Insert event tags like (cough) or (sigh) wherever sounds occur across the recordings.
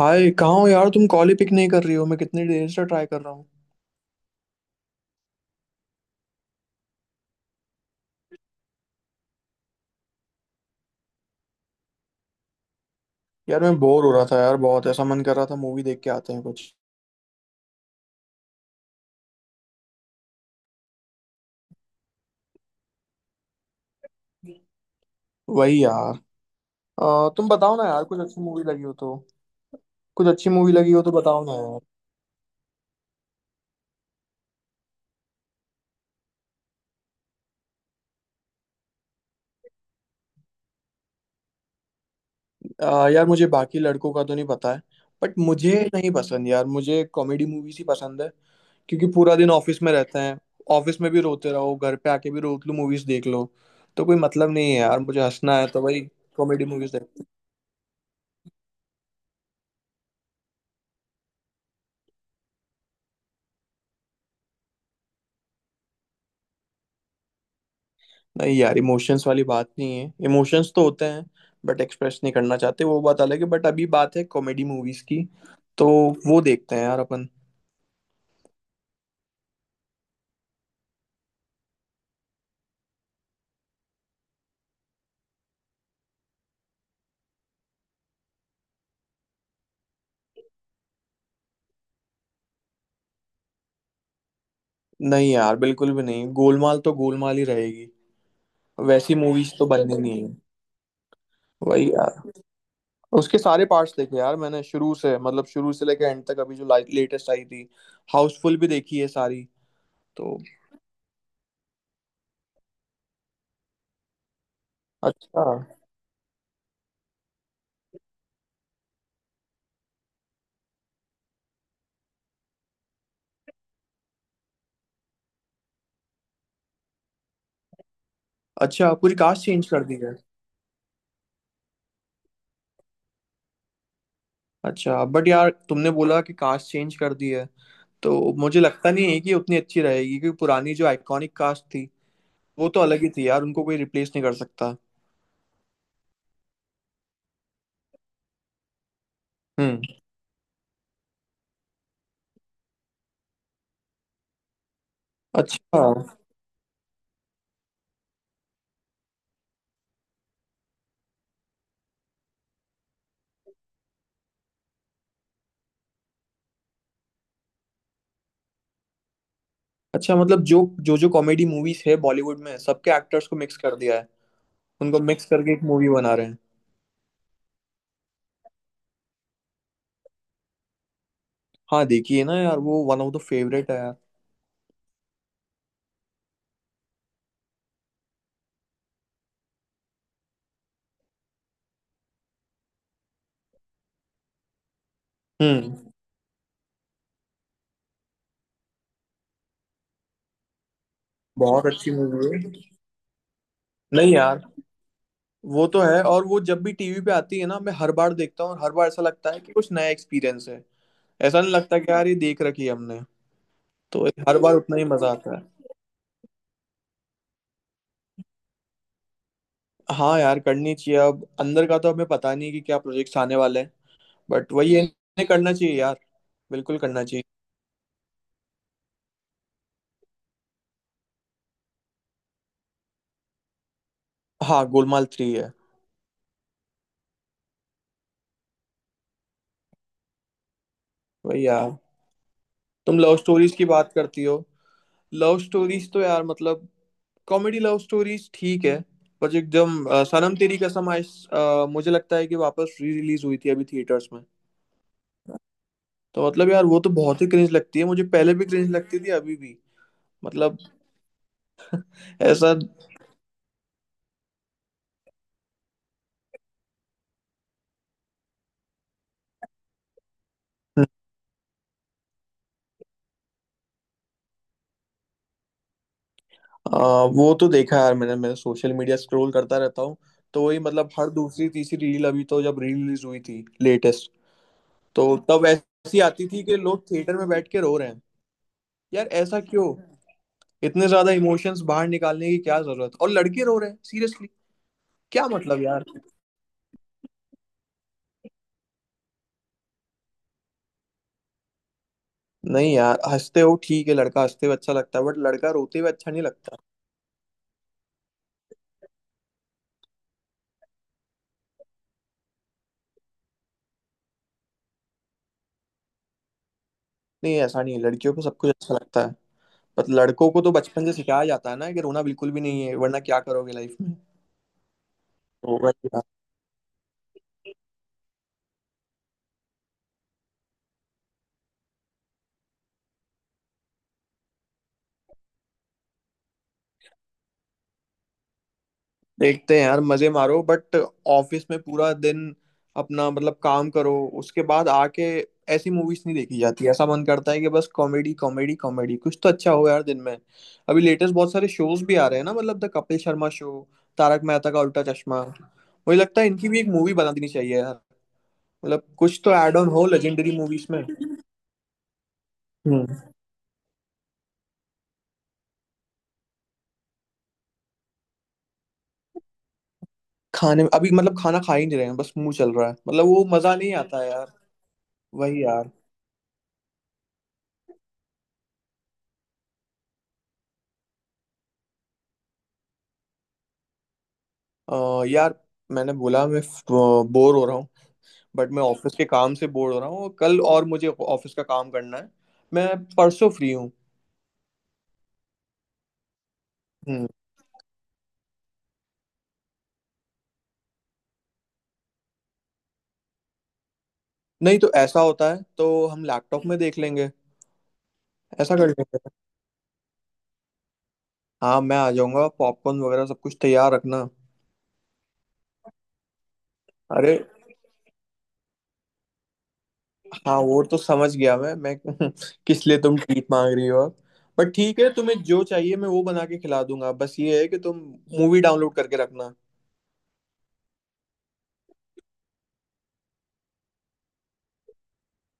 हाय, कहाँ हो यार? तुम कॉल ही पिक नहीं कर रही हो। मैं कितनी देर से ट्राई कर रहा हूँ। यार मैं बोर हो रहा था यार, बहुत ऐसा मन कर रहा था मूवी देख के आते हैं कुछ। वही यार। तुम बताओ ना यार, कुछ अच्छी मूवी लगी हो तो। कुछ अच्छी मूवी लगी हो तो बताओ ना यार। यार मुझे बाकी लड़कों का तो नहीं पता है। बट मुझे नहीं पसंद यार, मुझे कॉमेडी मूवीज ही पसंद है। क्योंकि पूरा दिन ऑफिस में रहते हैं। ऑफिस में भी रोते रहो, घर पे आके भी रोत लो मूवीज देख लो। तो कोई मतलब नहीं है यार, मुझे हंसना है तो भाई। Comedy movies. नहीं यार इमोशंस वाली बात नहीं है, इमोशंस तो होते हैं। बट एक्सप्रेस नहीं करना चाहते वो बात अलग है, बट अभी बात है कॉमेडी मूवीज की। तो वो देखते हैं यार अपन। नहीं यार बिल्कुल भी नहीं, गोलमाल तो गोलमाल ही रहेगी। वैसी मूवीज तो बननी नहीं है। वही यार। उसके सारे पार्ट्स देखे यार मैंने, शुरू से मतलब शुरू से लेके एंड तक, अभी जो लेटेस्ट आई थी हाउसफुल, भी देखी है सारी। तो अच्छा। अच्छा, पूरी कास्ट चेंज कर दी है? अच्छा बट यार तुमने बोला कि कास्ट चेंज कर दी है, तो मुझे लगता नहीं है कि उतनी अच्छी रहेगी, क्योंकि पुरानी जो आइकॉनिक कास्ट थी वो तो अलग ही थी यार, उनको कोई रिप्लेस नहीं कर सकता। हम्म। अच्छा। अच्छा, मतलब जो जो जो कॉमेडी मूवीज है बॉलीवुड में सबके एक्टर्स को मिक्स कर दिया है। उनको मिक्स करके एक मूवी बना रहे हैं। हाँ, देखिए ना यार, वो वन ऑफ द फेवरेट है यार। हम्म। बहुत अच्छी मूवी है। नहीं यार। वो तो है, और वो जब भी टीवी पे आती है ना मैं हर बार देखता हूँ, और हर बार ऐसा लगता है कि कुछ नया एक्सपीरियंस है। ऐसा नहीं लगता कि यार ये देख रखी है हमने। तो हर बार उतना ही मजा आता है। हाँ यार करनी चाहिए, अब अंदर का तो हमें पता नहीं कि क्या प्रोजेक्ट्स आने वाले हैं। बट वही है, इन्हें करना चाहिए यार। बिल्कुल करना चाहिए। हाँ, गोलमाल थ्री है। वही यार। तुम लव स्टोरीज की बात करती हो। लव स्टोरीज तो यार मतलब। कॉमेडी लव स्टोरीज ठीक है। बट एकदम सनम तेरी कसम आई। मुझे लगता है कि वापस री रिलीज हुई थी अभी थिएटर्स में। तो मतलब यार वो तो बहुत ही क्रिंज लगती है मुझे, पहले भी क्रिंज लगती थी अभी भी। मतलब ऐसा। आ, वो तो देखा है यार मैंने, मैं सोशल मीडिया स्क्रॉल करता रहता हूँ। तो वही, मतलब हर दूसरी तीसरी रील अभी, तो जब रील रिलीज हुई थी लेटेस्ट। तो तब ऐसी आती थी कि लोग थिएटर में बैठ के रो रहे हैं। यार ऐसा क्यों? इतने ज्यादा इमोशंस बाहर निकालने की क्या जरूरत, और लड़के रो रहे हैं सीरियसली। क्या मतलब यार? नहीं यार, हंसते हो ठीक है, लड़का हंसते हुए अच्छा लगता है, बट लड़का रोते हुए अच्छा नहीं लगता। नहीं ऐसा नहीं है, लड़कियों को सब कुछ अच्छा लगता है। पर लड़कों को तो बचपन से सिखाया जाता है ना कि रोना बिल्कुल भी नहीं है, वरना क्या करोगे लाइफ में। तो वही। देखते हैं यार मजे मारो, बट ऑफिस में पूरा दिन अपना मतलब काम करो, उसके बाद आके ऐसी मूवीज नहीं देखी जाती। ऐसा मन करता है कि बस कॉमेडी कॉमेडी कॉमेडी, कुछ तो अच्छा हो यार दिन में। अभी लेटेस्ट बहुत सारे शोज भी आ रहे हैं ना, मतलब द कपिल शर्मा शो, तारक मेहता का उल्टा चश्मा, मुझे लगता है इनकी भी एक मूवी बना देनी चाहिए यार। मतलब कुछ तो ऐड ऑन हो लेजेंडरी मूवीज में। हम्म। खाने में अभी मतलब खाना खा ही नहीं रहे हैं, बस मुंह चल रहा है, मतलब वो मजा नहीं आता है यार। वही यार। यार मैंने बोला मैं बोर हो रहा हूँ, बट मैं ऑफिस के काम से बोर हो रहा हूँ, कल और मुझे ऑफिस का काम करना है। मैं परसों फ्री हूँ। हम्म। नहीं तो ऐसा होता है तो हम लैपटॉप में देख लेंगे। ऐसा कर लेंगे। हाँ मैं आ जाऊंगा, पॉपकॉर्न वगैरह सब कुछ तैयार रखना। अरे हाँ वो तो समझ गया मैं (laughs) किस लिए तुम ट्रीट मांग रही हो अब? बट ठीक है, तुम्हें जो चाहिए मैं वो बना के खिला दूंगा, बस ये है कि तुम मूवी डाउनलोड करके रखना।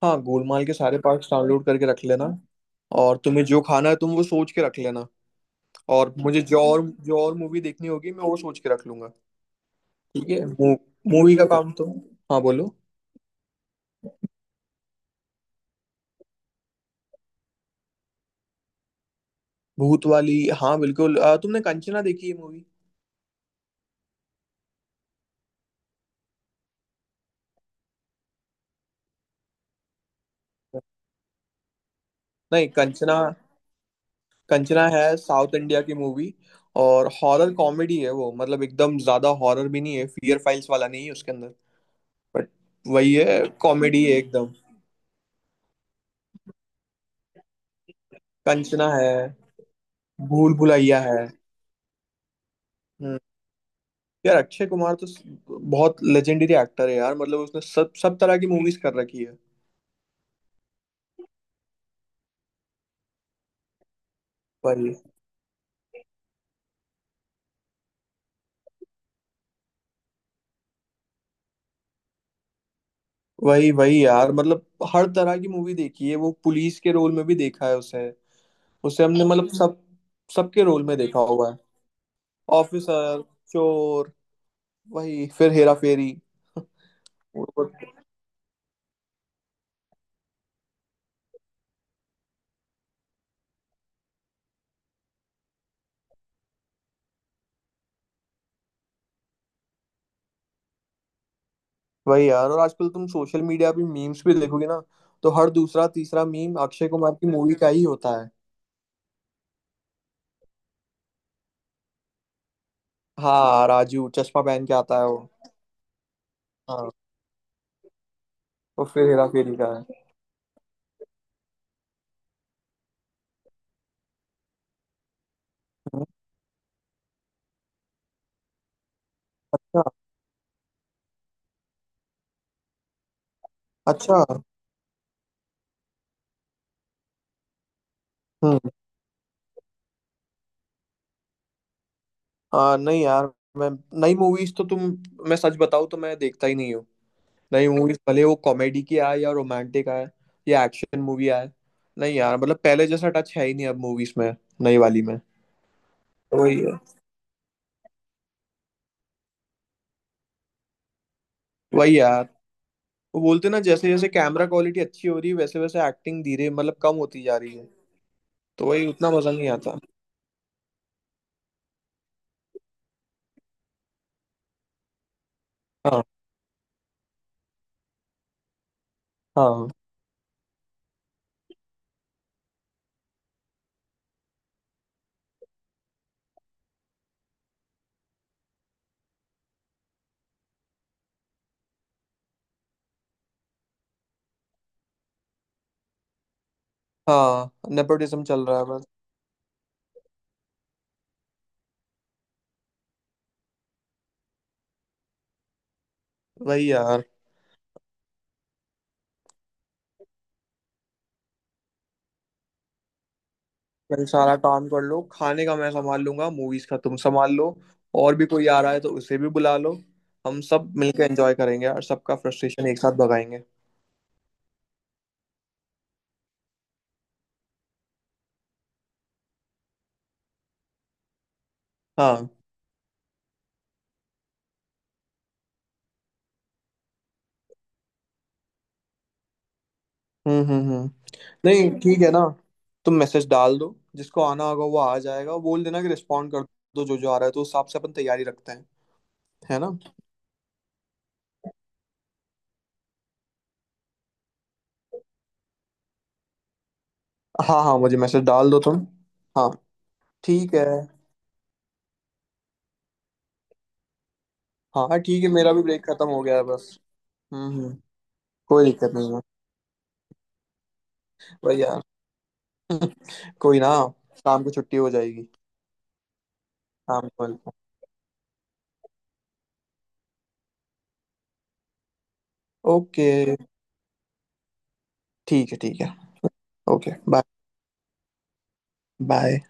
हाँ गोलमाल के सारे पार्ट्स डाउनलोड करके रख लेना। और तुम्हें जो खाना है तुम वो सोच के रख लेना। और मुझे जो और मूवी देखनी होगी मैं वो सोच के रख लूंगा। ठीक है। मूवी का काम तो। हाँ बोलो। भूत वाली? हाँ बिल्कुल। तुमने कंचना देखी है मूवी? नहीं कंचना। कंचना है साउथ इंडिया की मूवी। और हॉरर कॉमेडी है वो, मतलब एकदम ज्यादा हॉरर भी नहीं है, फियर फाइल्स वाला नहीं है उसके अंदर। बट वही है, कॉमेडी है एकदम। कंचना है। भूल भुलैया है। हम्म। यार अक्षय कुमार तो बहुत लेजेंडरी एक्टर है यार, मतलब उसने सब सब तरह की मूवीज कर रखी है। भाई। वही वही यार, मतलब हर तरह की मूवी देखी है, वो पुलिस के रोल में भी देखा है उसे। उसे हमने मतलब सब, सबके रोल में देखा हुआ है। ऑफिसर। चोर। वही फिर हेरा फेरी। (laughs) और। वही यार, और आजकल तुम सोशल मीडिया पे मीम्स भी देखोगे ना, तो हर दूसरा तीसरा मीम अक्षय कुमार की मूवी का ही होता है। हाँ राजू चश्मा पहन के आता है वो। हाँ। और फिर हेरा फेरी का है। अच्छा। अच्छा। हम्म। नहीं यार मैं, नई मूवीज तो तुम, मैं सच बताऊं तो मैं देखता ही नहीं हूँ। नई मूवीज, भले वो कॉमेडी की आए या रोमांटिक आए या एक्शन मूवी आए, नहीं यार मतलब पहले जैसा टच है ही नहीं अब मूवीज में, नई वाली में। वही है। वही यार। वो बोलते ना, जैसे जैसे कैमरा क्वालिटी अच्छी हो रही है वैसे वैसे एक्टिंग धीरे मतलब कम होती जा रही है। तो वही, उतना मजा नहीं आता। हाँ। हाँ। हाँ नेपोटिज्म चल रहा है बस। वही यार। भाई सारा काम कर लो, खाने का मैं संभाल लूंगा, मूवीज का तुम संभाल लो। और भी कोई आ रहा है तो उसे भी बुला लो। हम सब मिलकर एंजॉय करेंगे और सबका फ्रस्ट्रेशन एक साथ भगाएंगे। हाँ। हम्म। नहीं ठीक है ना। तुम मैसेज डाल दो, जिसको आना होगा वो आ जाएगा। बोल देना कि रिस्पॉन्ड कर दो, जो जो आ रहा है तो उस हिसाब से अपन तैयारी रखते हैं। है ना? हाँ हाँ मुझे मैसेज डाल दो तुम। हाँ। ठीक है। हाँ हाँ, ठीक है, मेरा भी ब्रेक खत्म हो गया है बस। हम्म। कोई दिक्कत नहीं है। भाई यार। (laughs) कोई ना। शाम को छुट्टी हो जाएगी। शाम को मिलते हैं। ओके। ठीक है ठीक है। Okay bye. बाय।